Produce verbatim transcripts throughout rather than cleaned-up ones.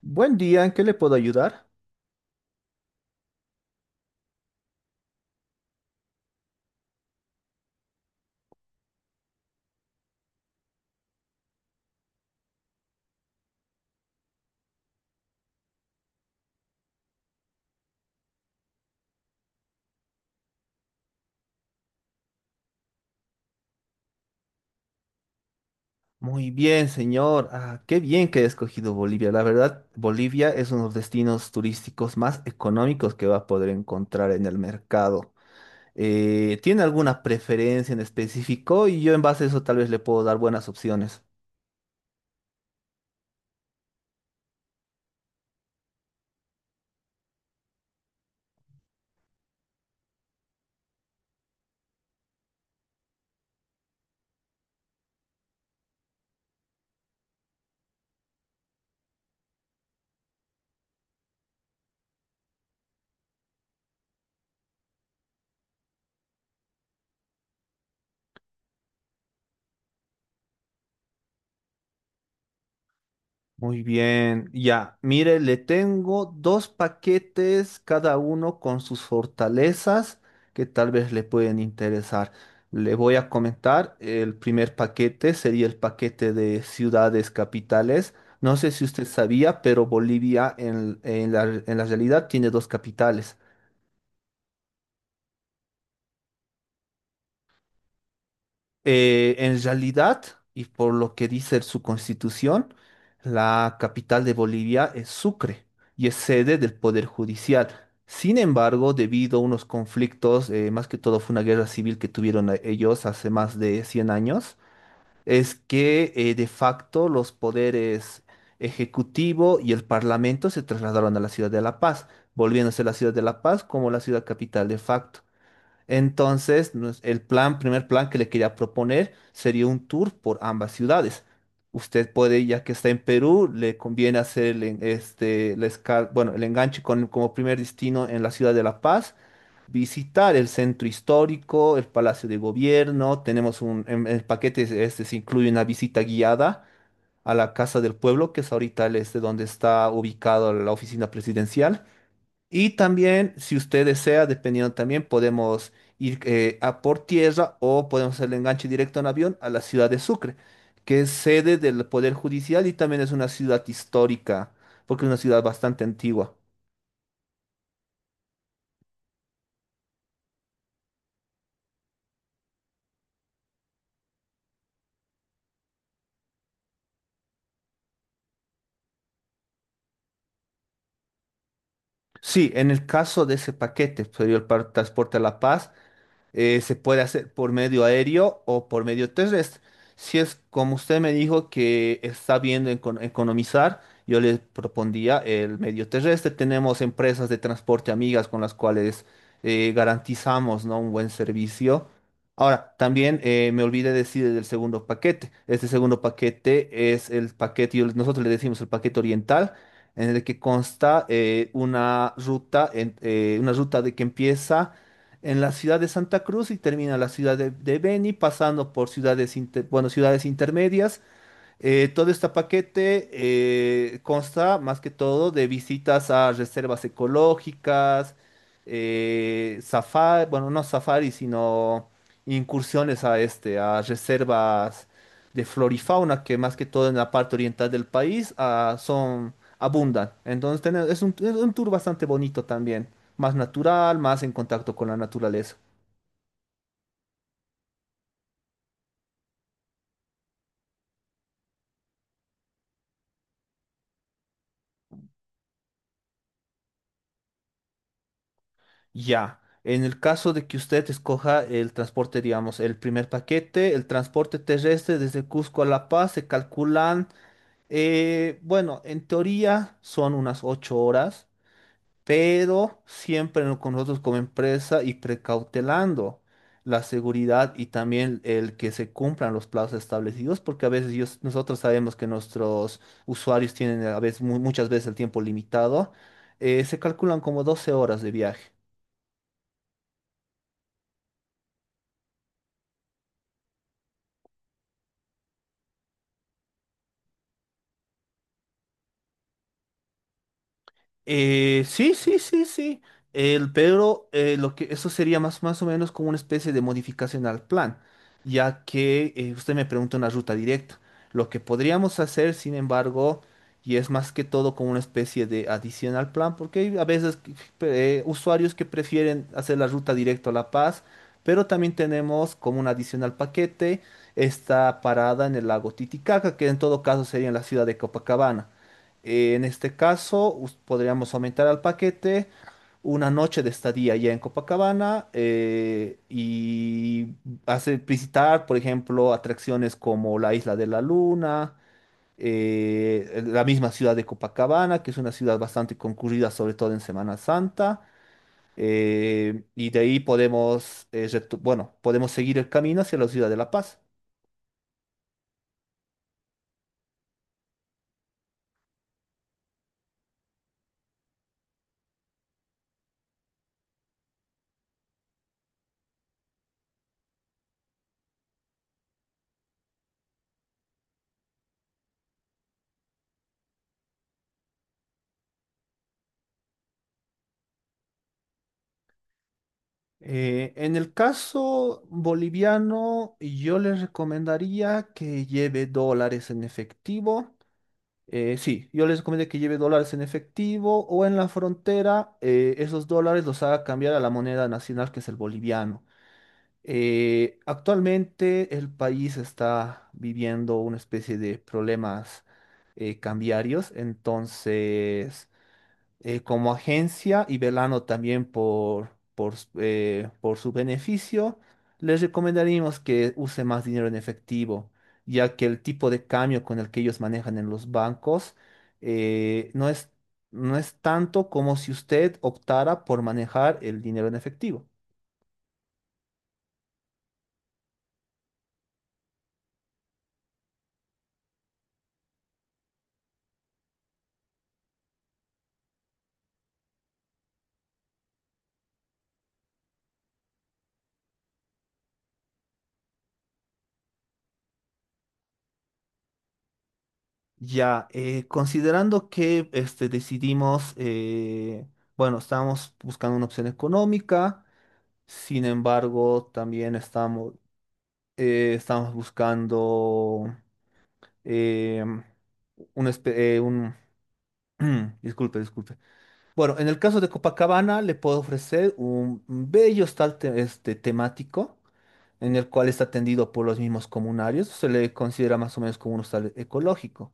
Buen día, ¿en qué le puedo ayudar? Muy bien, señor. Ah, qué bien que he escogido Bolivia. La verdad, Bolivia es uno de los destinos turísticos más económicos que va a poder encontrar en el mercado. Eh, ¿tiene alguna preferencia en específico? Y yo en base a eso tal vez le puedo dar buenas opciones. Muy bien, ya, mire, le tengo dos paquetes, cada uno con sus fortalezas que tal vez le pueden interesar. Le voy a comentar, el primer paquete sería el paquete de ciudades capitales. No sé si usted sabía, pero Bolivia en, en la, en la realidad tiene dos capitales. Eh, en realidad, y por lo que dice su constitución, la capital de Bolivia es Sucre y es sede del Poder Judicial. Sin embargo, debido a unos conflictos, eh, más que todo fue una guerra civil que tuvieron a- ellos hace más de cien años, es que eh, de facto los poderes ejecutivo y el parlamento se trasladaron a la ciudad de La Paz, volviéndose la ciudad de La Paz como la ciudad capital de facto. Entonces, nos- el plan, primer plan que le quería proponer sería un tour por ambas ciudades. Usted puede, ya que está en Perú, le conviene hacer el, en- este, la esca- bueno, el enganche con, como primer destino en la ciudad de La Paz, visitar el centro histórico, el Palacio de Gobierno. Tenemos un, en el paquete este se incluye una visita guiada a la Casa del Pueblo, que es ahorita el este donde está ubicado la oficina presidencial. Y también, si usted desea, dependiendo también, podemos ir eh, a por tierra o podemos hacer el enganche directo en avión a la ciudad de Sucre, que es sede del Poder Judicial y también es una ciudad histórica, porque es una ciudad bastante antigua. Sí, en el caso de ese paquete, sería el par- transporte a La Paz, eh, se puede hacer por medio aéreo o por medio terrestre. Si es como usted me dijo que está viendo eco- economizar, yo le propondría el medio terrestre. Tenemos empresas de transporte amigas con las cuales eh, garantizamos, ¿no?, un buen servicio. Ahora, también eh, me olvidé decir del segundo paquete. Este segundo paquete es el paquete, yo- nosotros le decimos el paquete oriental, en el que consta eh, una ruta, en- eh, una ruta de que empieza en la ciudad de Santa Cruz y termina en la ciudad de, de Beni, pasando por ciudades, inter- bueno, ciudades intermedias. Eh, todo este paquete eh, consta más que todo de visitas a reservas ecológicas, eh, safari, bueno, no safari, sino incursiones a este, a reservas de flora y fauna que más que todo en la parte oriental del país ah, son abundan. Entonces tiene- es un, es un tour bastante bonito también, más natural, más en contacto con la naturaleza. Ya, en el caso de que usted escoja el transporte, digamos, el primer paquete, el transporte terrestre desde Cusco a La Paz, se calculan, eh, bueno, en teoría son unas ocho horas, pero siempre no- con nosotros como empresa y precautelando la seguridad y también el que se cumplan los plazos establecidos, porque a veces ellos- nosotros sabemos que nuestros usuarios tienen a veces, mu- muchas veces el tiempo limitado, eh, se calculan como doce horas de viaje. Eh, sí, sí, sí, sí. El, pero eh, lo que eso sería más, más o menos como una especie de modificación al plan, ya que eh, usted me pregunta una ruta directa. Lo que podríamos hacer, sin embargo, y es más que todo como una especie de adición al plan, porque hay a veces eh, usuarios que prefieren hacer la ruta directa a La Paz, pero también tenemos como un adicional paquete esta parada en el lago Titicaca, que en todo caso sería en la ciudad de Copacabana. Eh, en este caso, us- podríamos aumentar al paquete una noche de estadía ya en Copacabana eh, y hacer visitar, por ejemplo, atracciones como la Isla de la Luna, eh, la misma ciudad de Copacabana, que es una ciudad bastante concurrida, sobre todo en Semana Santa. Eh, y de ahí podemos, eh, retu- bueno, podemos seguir el camino hacia la ciudad de La Paz. Eh, en el caso boliviano, yo les recomendaría que lleve dólares en efectivo. Eh, sí, yo les recomiendo que lleve dólares en efectivo o en la frontera, eh, esos dólares los haga cambiar a la moneda nacional que es el boliviano. Eh, actualmente el país está viviendo una especie de problemas eh, cambiarios. Entonces eh, como agencia y velando también por, por, s- eh, por su beneficio, les recomendaríamos que use más dinero en efectivo, ya que el tipo de cambio con el que ellos manejan en los bancos eh, no es, no es tanto como si usted optara por manejar el dinero en efectivo. Ya, eh, considerando que este, decidimos, eh, bueno, estamos buscando una opción económica. Sin embargo, también estamos eh, estamos buscando eh, un, espe- eh, un- Disculpe, disculpe. Bueno, en el caso de Copacabana le puedo ofrecer un bello hostal te- este, temático en el cual está atendido por los mismos comunarios. Se le considera más o menos como un hostal ecológico.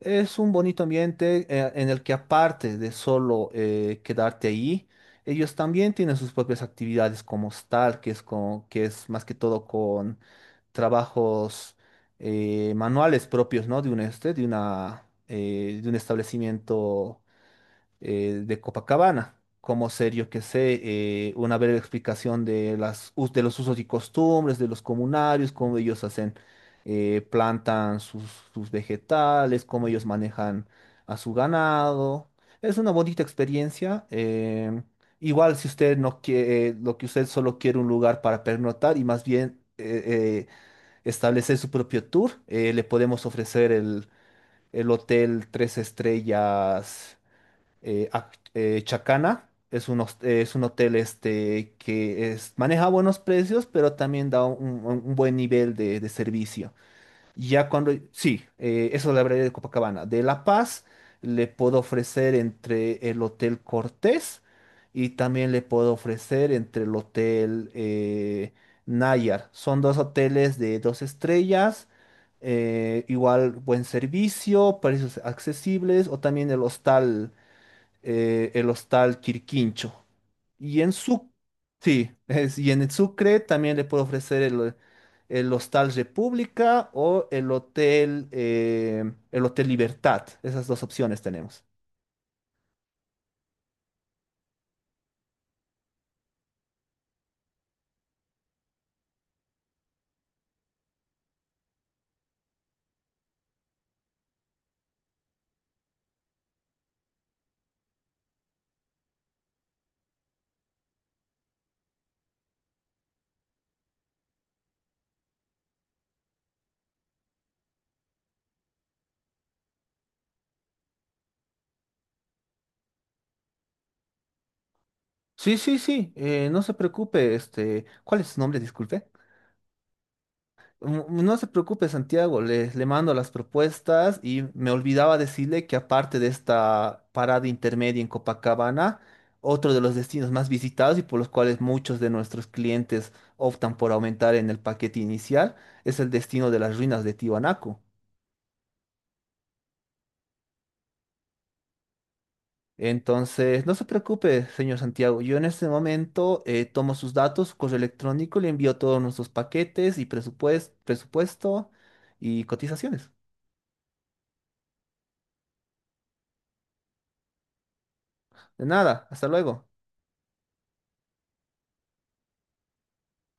Es un bonito ambiente eh, en el que aparte de solo eh, quedarte ahí, ellos también tienen sus propias actividades como hostal, que es, con, que es más que todo trabajos eh, manuales propios, ¿no? De un, este, de una, eh, de un establecimiento eh, de Copacabana. Como ser, yo que sé, eh, una breve explicación de las, us- de los usos y costumbres de los comunarios, cómo ellos hacen, eh, plantan sus, sus vegetales, cómo ellos manejan a su ganado. Es una bonita experiencia. em, Igual si usted no quiere, lo que usted solo quiere un lugar para pernotar y más bien eh, eh, establecer su propio tour. Eh, le podemos ofrecer el, el hotel Tres Estrellas eh, Ac- eh, Chacana. Es un, hos- eh, es un hotel este, que es- maneja buenos precios, pero también da un, un- un buen nivel de de servicio. Ya cuando, sí, eh, eso es la variedad de Copacabana. De La Paz le puedo ofrecer entre el Hotel Cortés y también le puedo ofrecer entre el Hotel eh, Nayar. Son dos hoteles de dos estrellas, eh, igual buen servicio, precios accesibles, o también el hostal, eh, el hostal Quirquincho. Y en su, sí, es- y en Sucre también le puedo ofrecer el, el Hostal República o el Hotel, eh, el Hotel Libertad. Esas dos opciones tenemos. Sí, sí, sí, eh, no se preocupe, este, ¿cuál es su nombre? Disculpe. Mm, No se preocupe, Santiago, le, le mando las propuestas, y me olvidaba decirle que aparte de esta parada intermedia en Copacabana, otro de los destinos más visitados y por los cuales muchos de nuestros clientes optan por aumentar en el paquete inicial es el destino de las ruinas de Tiwanaku. Entonces, no se preocupe, señor Santiago, yo en este momento eh, tomo sus datos, su correo electrónico, le envío todos nuestros paquetes y presupues- presupuesto y cotizaciones. De nada, hasta luego.